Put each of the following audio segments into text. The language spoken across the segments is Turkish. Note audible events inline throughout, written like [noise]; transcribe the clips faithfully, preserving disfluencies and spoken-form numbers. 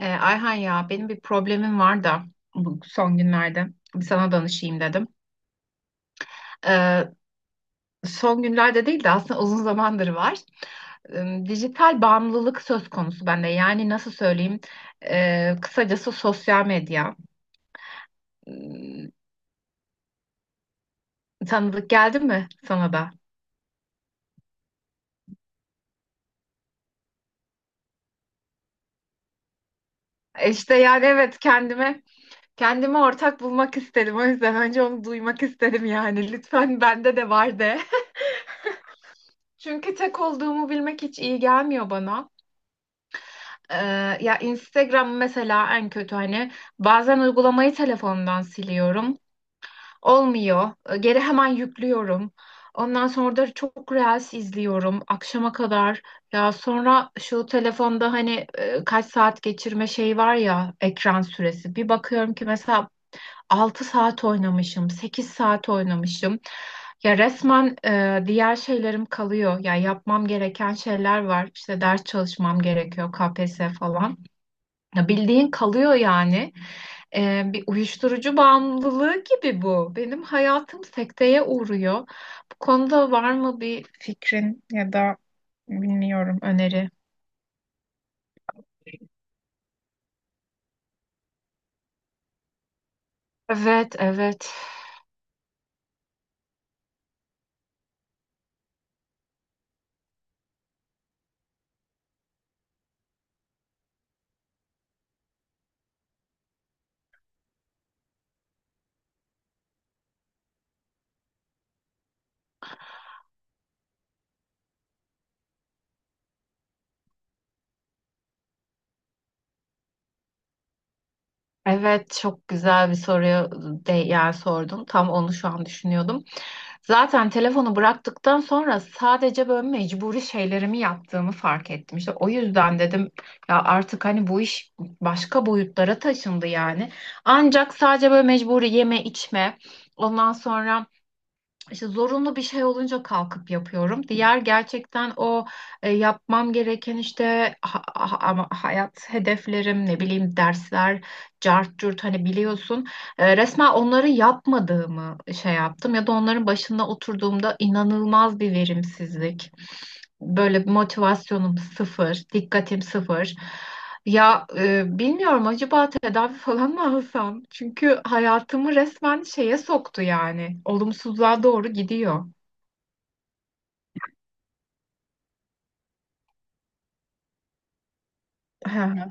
Ee, Ayhan, ya benim bir problemim var da bu son günlerde bir sana danışayım dedim. Ee, Son günlerde değil de aslında uzun zamandır var. Ee, dijital bağımlılık söz konusu bende. Yani nasıl söyleyeyim? Ee, kısacası sosyal medya. Ee, Tanıdık geldi mi sana da? E İşte yani evet, kendime kendime ortak bulmak istedim. O yüzden önce onu duymak istedim yani. Lütfen bende de var de. [laughs] Çünkü tek olduğumu bilmek hiç iyi gelmiyor bana. Ee, Ya Instagram mesela en kötü, hani bazen uygulamayı telefondan siliyorum. Olmuyor. Ee, Geri hemen yüklüyorum. Ondan sonra da çok reels izliyorum akşama kadar. Ya sonra şu telefonda hani e, kaç saat geçirme şeyi var ya, ekran süresi. Bir bakıyorum ki mesela altı saat oynamışım, sekiz saat oynamışım. Ya resmen e, diğer şeylerim kalıyor. Ya yapmam gereken şeyler var. İşte ders çalışmam gerekiyor, K P S S falan. Ya, bildiğin kalıyor yani. Ee, bir uyuşturucu bağımlılığı gibi bu. Benim hayatım sekteye uğruyor. Bu konuda var mı bir fikrin ya da bilmiyorum, öneri? Evet, evet. Evet, çok güzel bir soruya de, yani sordun. Tam onu şu an düşünüyordum. Zaten telefonu bıraktıktan sonra sadece böyle mecburi şeylerimi yaptığımı fark ettim. İşte o yüzden dedim ya, artık hani bu iş başka boyutlara taşındı yani. Ancak sadece böyle mecburi yeme içme, ondan sonra işte zorunlu bir şey olunca kalkıp yapıyorum. Diğer, gerçekten o e, yapmam gereken işte ha- ha- ama hayat hedeflerim, ne bileyim, dersler, cart curt, hani biliyorsun. E, resmen onları yapmadığımı şey yaptım ya da onların başında oturduğumda inanılmaz bir verimsizlik. Böyle, bir motivasyonum sıfır, dikkatim sıfır. Ya, e, bilmiyorum, acaba tedavi falan mı alsam? Çünkü hayatımı resmen şeye soktu yani. Olumsuzluğa doğru gidiyor. Hı hı.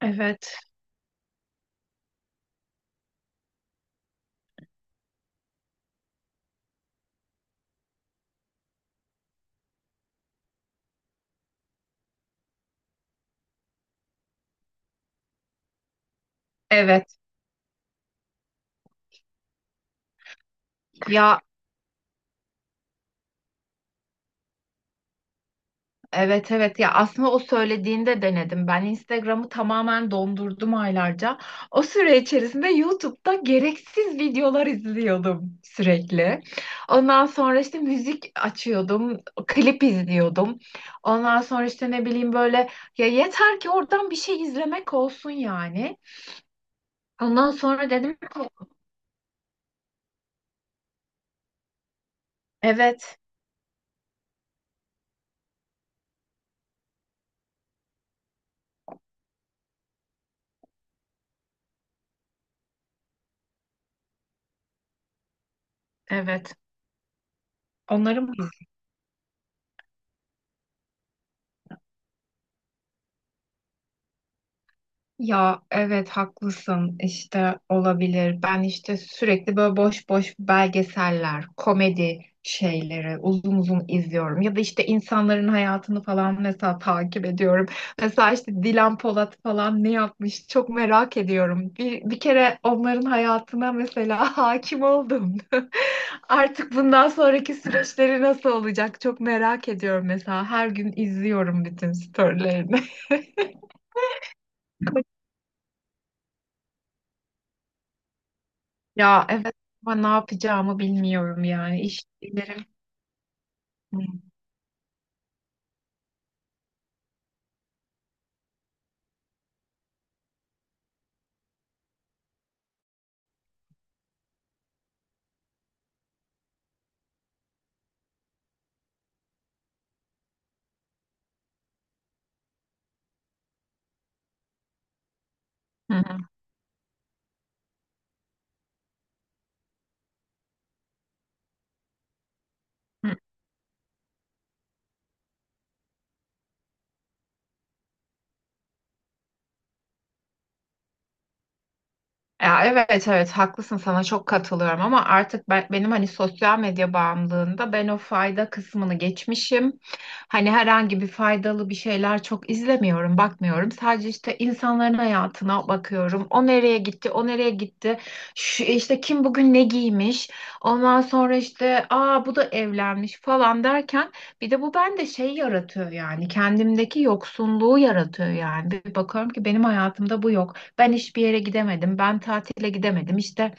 Evet, evet. Ya, evet evet, ya aslında o söylediğinde denedim. Ben Instagram'ı tamamen dondurdum aylarca. O süre içerisinde YouTube'da gereksiz videolar izliyordum sürekli. Ondan sonra işte müzik açıyordum, klip izliyordum. Ondan sonra işte ne bileyim, böyle, ya yeter ki oradan bir şey izlemek olsun yani. Ondan sonra dedim ki evet evet, onların. Ya evet, haklısın işte, olabilir. Ben işte sürekli böyle boş boş belgeseller, komedi şeyleri uzun uzun izliyorum. Ya da işte insanların hayatını falan mesela takip ediyorum. Mesela işte Dilan Polat falan ne yapmış çok merak ediyorum. Bir, bir kere onların hayatına mesela [laughs] hakim oldum. [laughs] Artık bundan sonraki süreçleri nasıl olacak çok merak ediyorum mesela. Her gün izliyorum bütün storylerini. Ya evet, ama ne yapacağımı bilmiyorum yani. İş ilerim. Hı hı. Hı. Ya, evet evet, haklısın, sana çok katılıyorum ama artık ben, benim hani sosyal medya bağımlılığında ben o fayda kısmını geçmişim. Hani herhangi bir faydalı bir şeyler çok izlemiyorum, bakmıyorum. Sadece işte insanların hayatına bakıyorum. O nereye gitti, o nereye gitti. Şu, işte kim bugün ne giymiş. Ondan sonra işte aa bu da evlenmiş falan derken, bir de bu bende şey yaratıyor yani, kendimdeki yoksunluğu yaratıyor yani. Bir bakıyorum ki benim hayatımda bu yok. Ben hiçbir yere gidemedim. Ben tatile gidemedim. İşte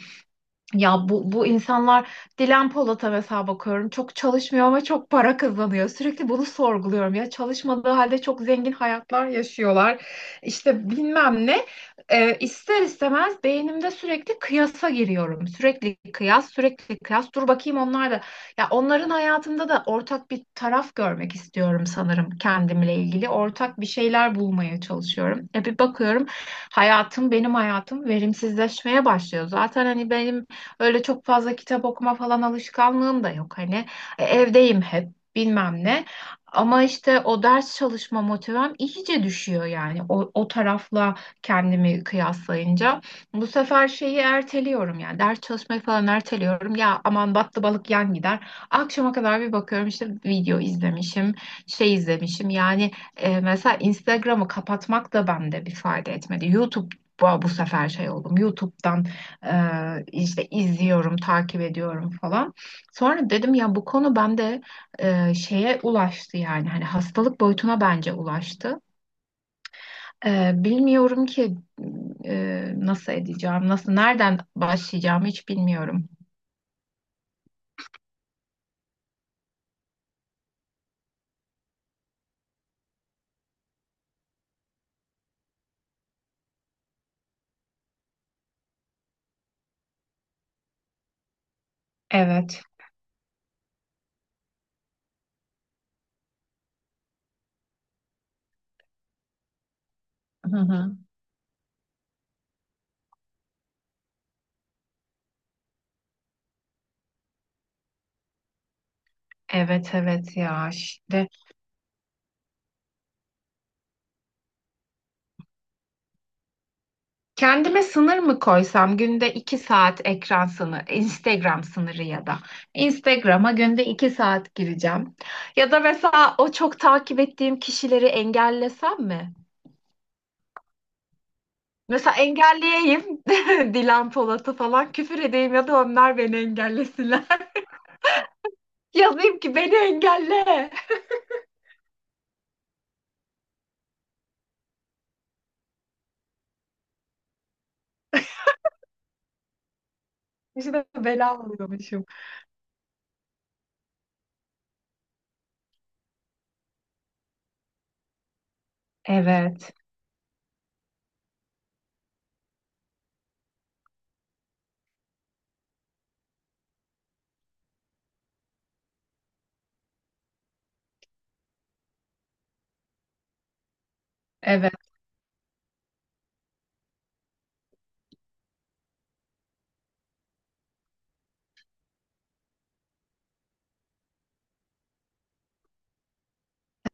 ya, bu, bu insanlar. Dilan Polat'a mesela bakıyorum, çok çalışmıyor ama çok para kazanıyor. Sürekli bunu sorguluyorum, ya çalışmadığı halde çok zengin hayatlar yaşıyorlar. İşte bilmem ne. Ee, ister istemez beynimde sürekli kıyasa giriyorum. Sürekli kıyas, sürekli kıyas, dur bakayım onlar da, ya onların hayatında da ortak bir taraf görmek istiyorum sanırım, kendimle ilgili ortak bir şeyler bulmaya çalışıyorum. E bir bakıyorum, hayatım benim hayatım verimsizleşmeye başlıyor. Zaten hani benim öyle çok fazla kitap okuma falan alışkanlığım da yok hani. E, evdeyim hep, bilmem ne. Ama işte o ders çalışma motivem iyice düşüyor yani, o, o tarafla kendimi kıyaslayınca. Bu sefer şeyi erteliyorum yani, ders çalışmayı falan erteliyorum. Ya, aman battı balık yan gider. Akşama kadar bir bakıyorum işte video izlemişim, şey izlemişim. Yani e, mesela Instagram'ı kapatmak da bende bir fayda etmedi. YouTube, bu, bu sefer şey oldum. YouTube'dan ee, işte izliyorum, takip ediyorum falan. Sonra dedim ya bu konu bende e, şeye ulaştı yani, hani hastalık boyutuna bence ulaştı. Ee, bilmiyorum ki e, nasıl edeceğim, nasıl nereden başlayacağımı hiç bilmiyorum. Evet. Hı hı. Evet evet, ya işte kendime sınır mı koysam, günde iki saat ekran sınırı, Instagram sınırı ya da Instagram'a günde iki saat gireceğim. Ya da mesela o çok takip ettiğim kişileri engellesem mi? Mesela engelleyeyim. [laughs] Dilan Polat'ı falan, küfür edeyim ya da onlar beni engellesinler. [laughs] Yazayım ki beni engelle. İşte bela oluyormuşum. Evet. Evet.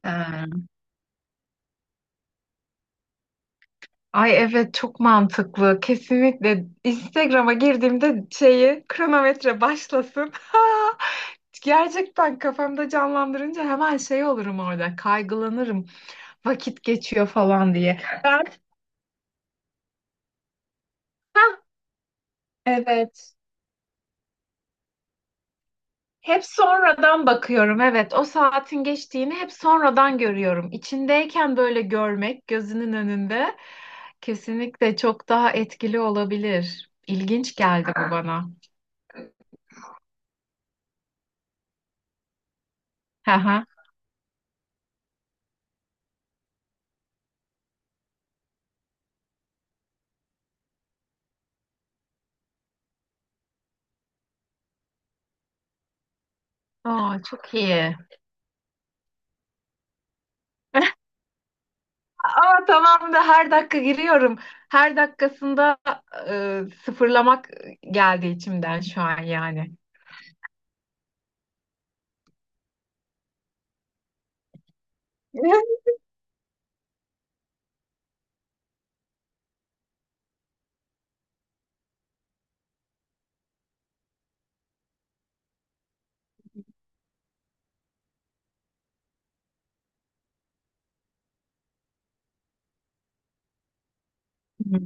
Ha. Ay evet, çok mantıklı. Kesinlikle Instagram'a girdiğimde şeyi, kronometre başlasın. [laughs] Ha! Gerçekten kafamda canlandırınca hemen şey olurum orada. Kaygılanırım. Vakit geçiyor falan diye. Ben, evet. Hep sonradan bakıyorum. Evet, o saatin geçtiğini hep sonradan görüyorum. İçindeyken böyle görmek, gözünün önünde, kesinlikle çok daha etkili olabilir. İlginç geldi bu bana. Hı hı. Aa, çok iyi. Aa, tamam da her dakika giriyorum. Her dakikasında e, sıfırlamak geldi içimden şu an yani. [laughs] Hı.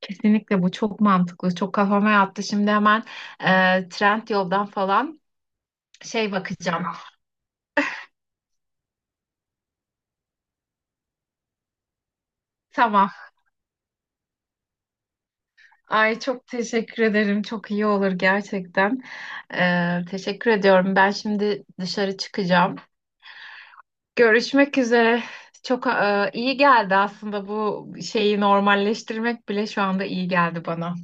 Kesinlikle bu çok mantıklı. Çok kafama yattı. Şimdi hemen e, Trend Yol'dan falan şey bakacağım. Tamam. Ay, çok teşekkür ederim. Çok iyi olur gerçekten. E, teşekkür ediyorum. Ben şimdi dışarı çıkacağım. Görüşmek üzere. Çok e, iyi geldi aslında, bu şeyi normalleştirmek bile şu anda iyi geldi bana.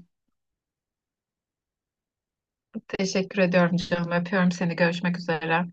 Teşekkür ediyorum canım. Öpüyorum seni. Görüşmek üzere.